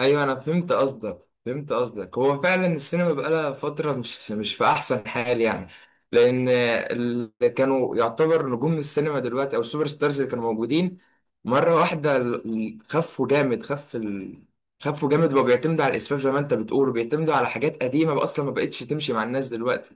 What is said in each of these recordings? ايوه، انا فهمت قصدك فهمت قصدك. هو فعلا السينما بقالها فتره مش في احسن حال يعني. لان اللي كانوا يعتبر نجوم السينما دلوقتي او السوبر ستارز اللي كانوا موجودين مره واحده خفوا جامد خفوا جامد، بقوا بيعتمدوا على الاسفاف زي ما انت بتقول، وبيعتمدوا على حاجات قديمه بقى اصلا ما بقتش تمشي مع الناس دلوقتي.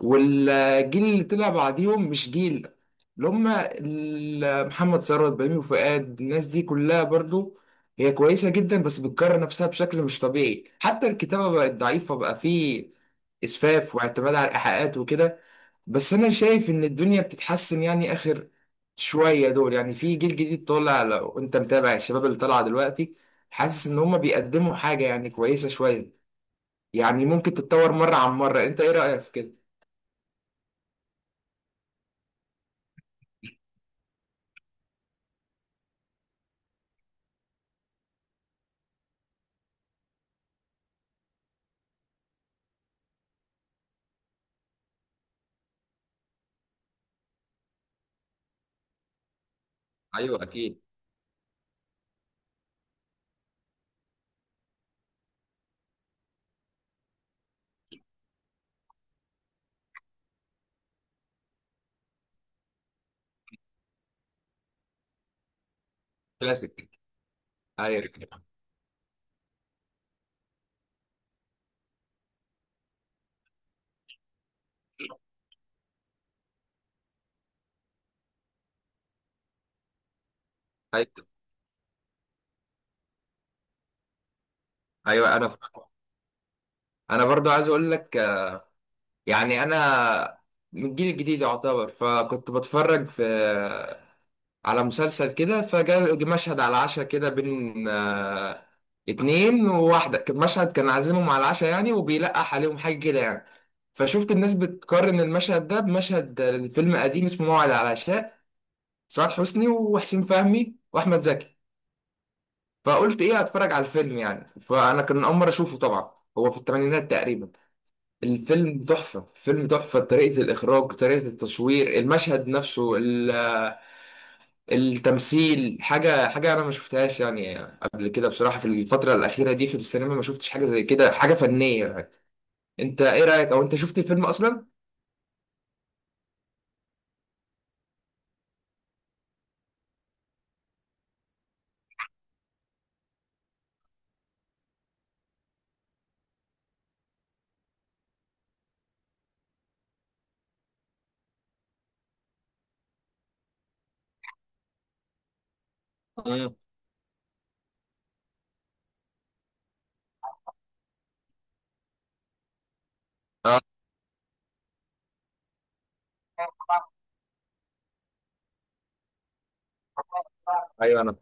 والجيل اللي طلع بعديهم مش جيل، اللي هم محمد ثروت بيومي وفؤاد، الناس دي كلها برضو هي كويسة جدا، بس بتكرر نفسها بشكل مش طبيعي. حتى الكتابة بقت ضعيفة، بقى فيه إسفاف واعتماد على الإيحاءات وكده. بس أنا شايف إن الدنيا بتتحسن يعني آخر شوية دول، يعني في جيل جديد طالع. لو أنت متابع الشباب اللي طالعة دلوقتي، حاسس إن هم بيقدموا حاجة يعني كويسة شوية، يعني ممكن تتطور مرة عن مرة. أنت إيه رأيك في كده؟ ايوه اكيد. كلاسيك. ايوه. ايوه. ايوه، انا برضو عايز اقول لك يعني انا من الجيل الجديد يعتبر، فكنت بتفرج في على مسلسل كده، فجاء مشهد على العشاء كده بين اتنين وواحدة. كان مشهد، كان عازمهم على العشاء يعني، وبيلقح عليهم حاجة كده يعني. فشفت الناس بتقارن المشهد ده بمشهد فيلم قديم اسمه موعد على العشاء، سعاد حسني وحسين فهمي واحمد زكي. فقلت ايه، هتفرج على الفيلم يعني. فانا كان اول مره اشوفه طبعا. هو في الثمانينات تقريبا. الفيلم تحفه، فيلم تحفه، طريقه الاخراج، طريقه التصوير، المشهد نفسه، التمثيل، حاجه حاجه انا ما شفتهاش يعني قبل كده بصراحه. في الفتره الاخيره دي في السينما ما شفتش حاجه زي كده، حاجه فنيه يعني. انت ايه رايك، او انت شفت الفيلم اصلا؟ مم. اه. ايوه. انا.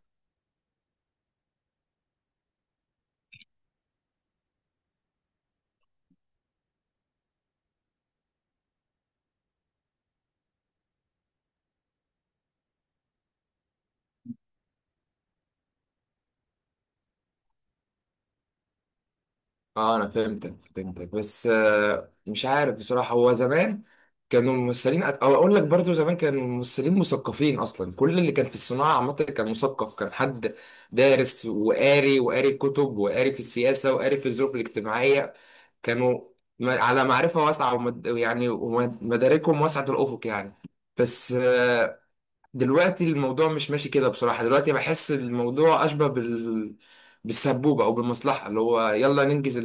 اه، انا فهمتك فهمتك. بس مش عارف بصراحة. هو زمان كانوا ممثلين، او اقول لك برضو زمان كانوا ممثلين مثقفين اصلا. كل اللي كان في الصناعة عامة كان مثقف، كان حد دارس وقاري، وقاري كتب، وقاري في السياسة، وقاري في الظروف الاجتماعية. كانوا على معرفة واسعة يعني، ومداركهم واسعة الافق يعني. بس دلوقتي الموضوع مش ماشي كده بصراحة. دلوقتي بحس الموضوع اشبه بال، بالسبوبة او بالمصلحة، اللي هو يلا ننجز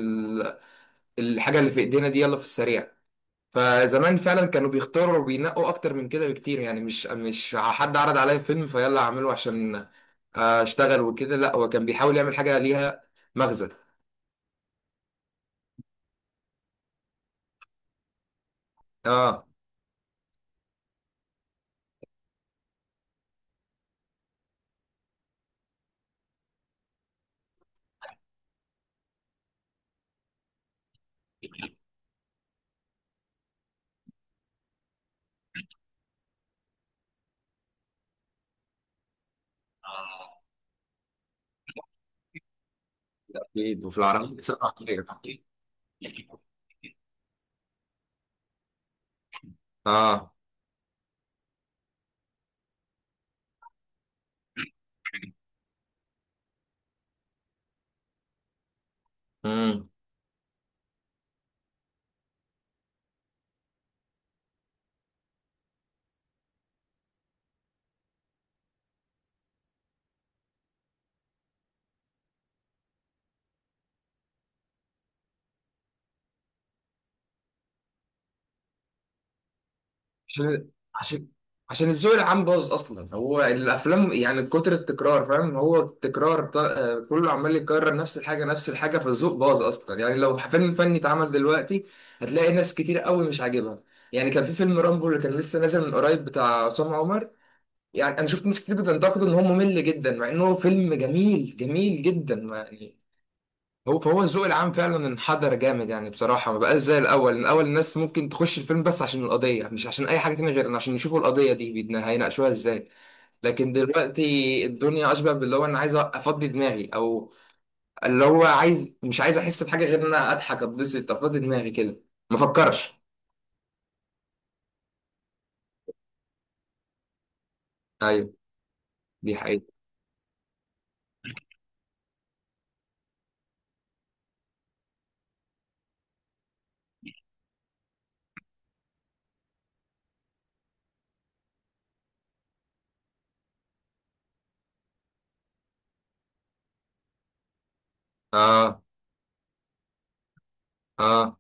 الحاجة اللي في ايدينا دي يلا في السريع. فزمان فعلا كانوا بيختاروا وبينقوا اكتر من كده بكتير، يعني مش حد عرض عليا فيلم فيلا اعمله عشان اشتغل وكده. لا، هو كان بيحاول يعمل حاجة ليها مغزى. اه اكيد، وفي العربية بتسقط. اه. امم. عشان عشان عشان الذوق العام باظ اصلا. هو الافلام يعني كتر التكرار فاهم، هو التكرار كله عمال يكرر نفس الحاجه نفس الحاجه، فالذوق باظ اصلا يعني. لو فيلم فني اتعمل دلوقتي هتلاقي ناس كتير قوي مش عاجبها. يعني كان في فيلم رامبو اللي كان لسه نازل من قريب بتاع عصام عمر، يعني انا شفت ناس كتير بتنتقده ان هو ممل جدا، مع انه فيلم جميل جميل جدا يعني. فهو الذوق العام فعلا انحدر جامد يعني بصراحة. ما بقاش زي الأول. الأول الناس ممكن تخش الفيلم بس عشان القضية، مش عشان أي حاجة تانية غير إن عشان يشوفوا القضية دي بيدنا هيناقشوها إزاي. لكن دلوقتي الدنيا أشبه باللي هو أنا عايز أفضي دماغي، أو اللي هو عايز، مش عايز أحس بحاجة غير إن أنا أضحك أتبسط أفضي دماغي كده، ما أفكرش. أيوه، دي حقيقة. آه. آه.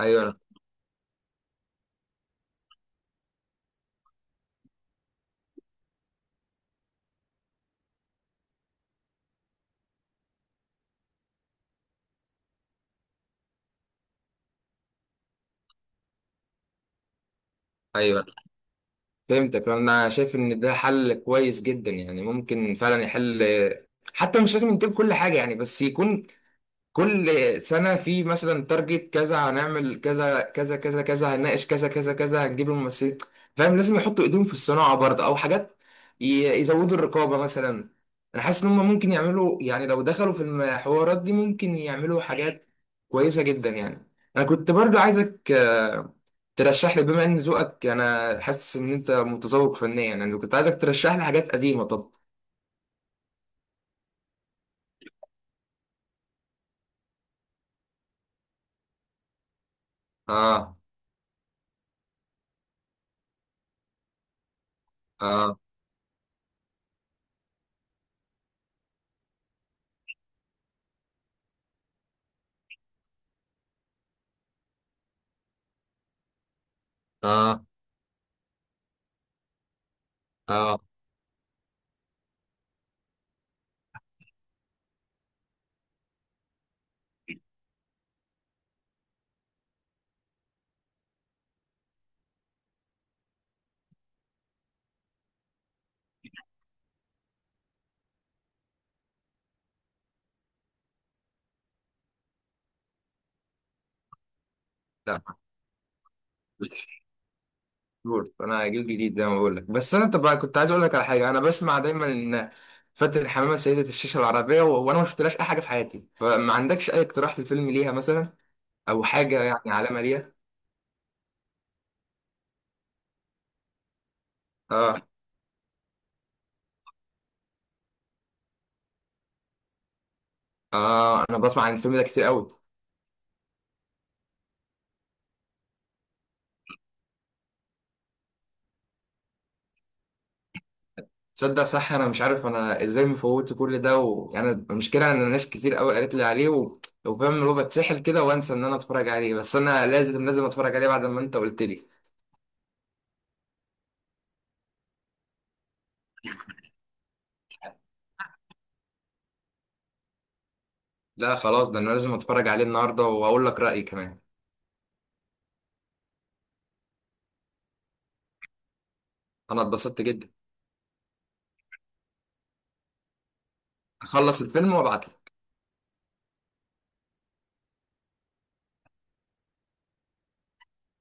أيوه. أيوه، فهمتك. أنا شايف إن ده حل كويس جدا، يعني ممكن فعلا يحل. حتى مش لازم ينتج كل حاجة يعني، بس يكون كل سنة في مثلا تارجت كذا، هنعمل كذا كذا كذا كذا، هنناقش كذا كذا كذا، هنجيب الممثلين فاهم. لازم يحطوا ايديهم في الصناعة برضه، او حاجات، ي- يزودوا الرقابة مثلا. انا حاسس ان هم ممكن يعملوا، يعني لو دخلوا في الحوارات دي ممكن يعملوا حاجات كويسة جدا يعني. انا كنت برضه عايزك ترشح لي، بما ان ذوقك، انا حاسس ان انت متذوق فنيا يعني. كنت عايزك ترشح لي حاجات قديمة. طب. اه. اه. اه. اه. لا. بورد انا هجيب جديد زي ما بقول لك. بس انا طب كنت عايز اقول لك على حاجه. انا بسمع دايما ان فاتن حمامه سيده الشاشه العربيه وانا ما شفتلهاش اي حاجه في حياتي. فما عندكش اي اقتراح لفيلم ليها مثلا، او حاجه يعني علامه ليها؟ اه. اه. انا بسمع عن الفيلم ده كتير قوي. تصدق صح، انا مش عارف انا ازاي مفوت كل ده، ويعني المشكله ان ناس كتير قوي قالت لي عليه وفاهم اللي هو بتسحل كده وانسى ان انا اتفرج عليه. بس انا لازم لازم اتفرج عليه بعد ما انت قلت لي. لا خلاص، ده انا لازم اتفرج عليه النهارده واقول لك رايي كمان. انا اتبسطت جدا. اخلص الفيلم وابعت.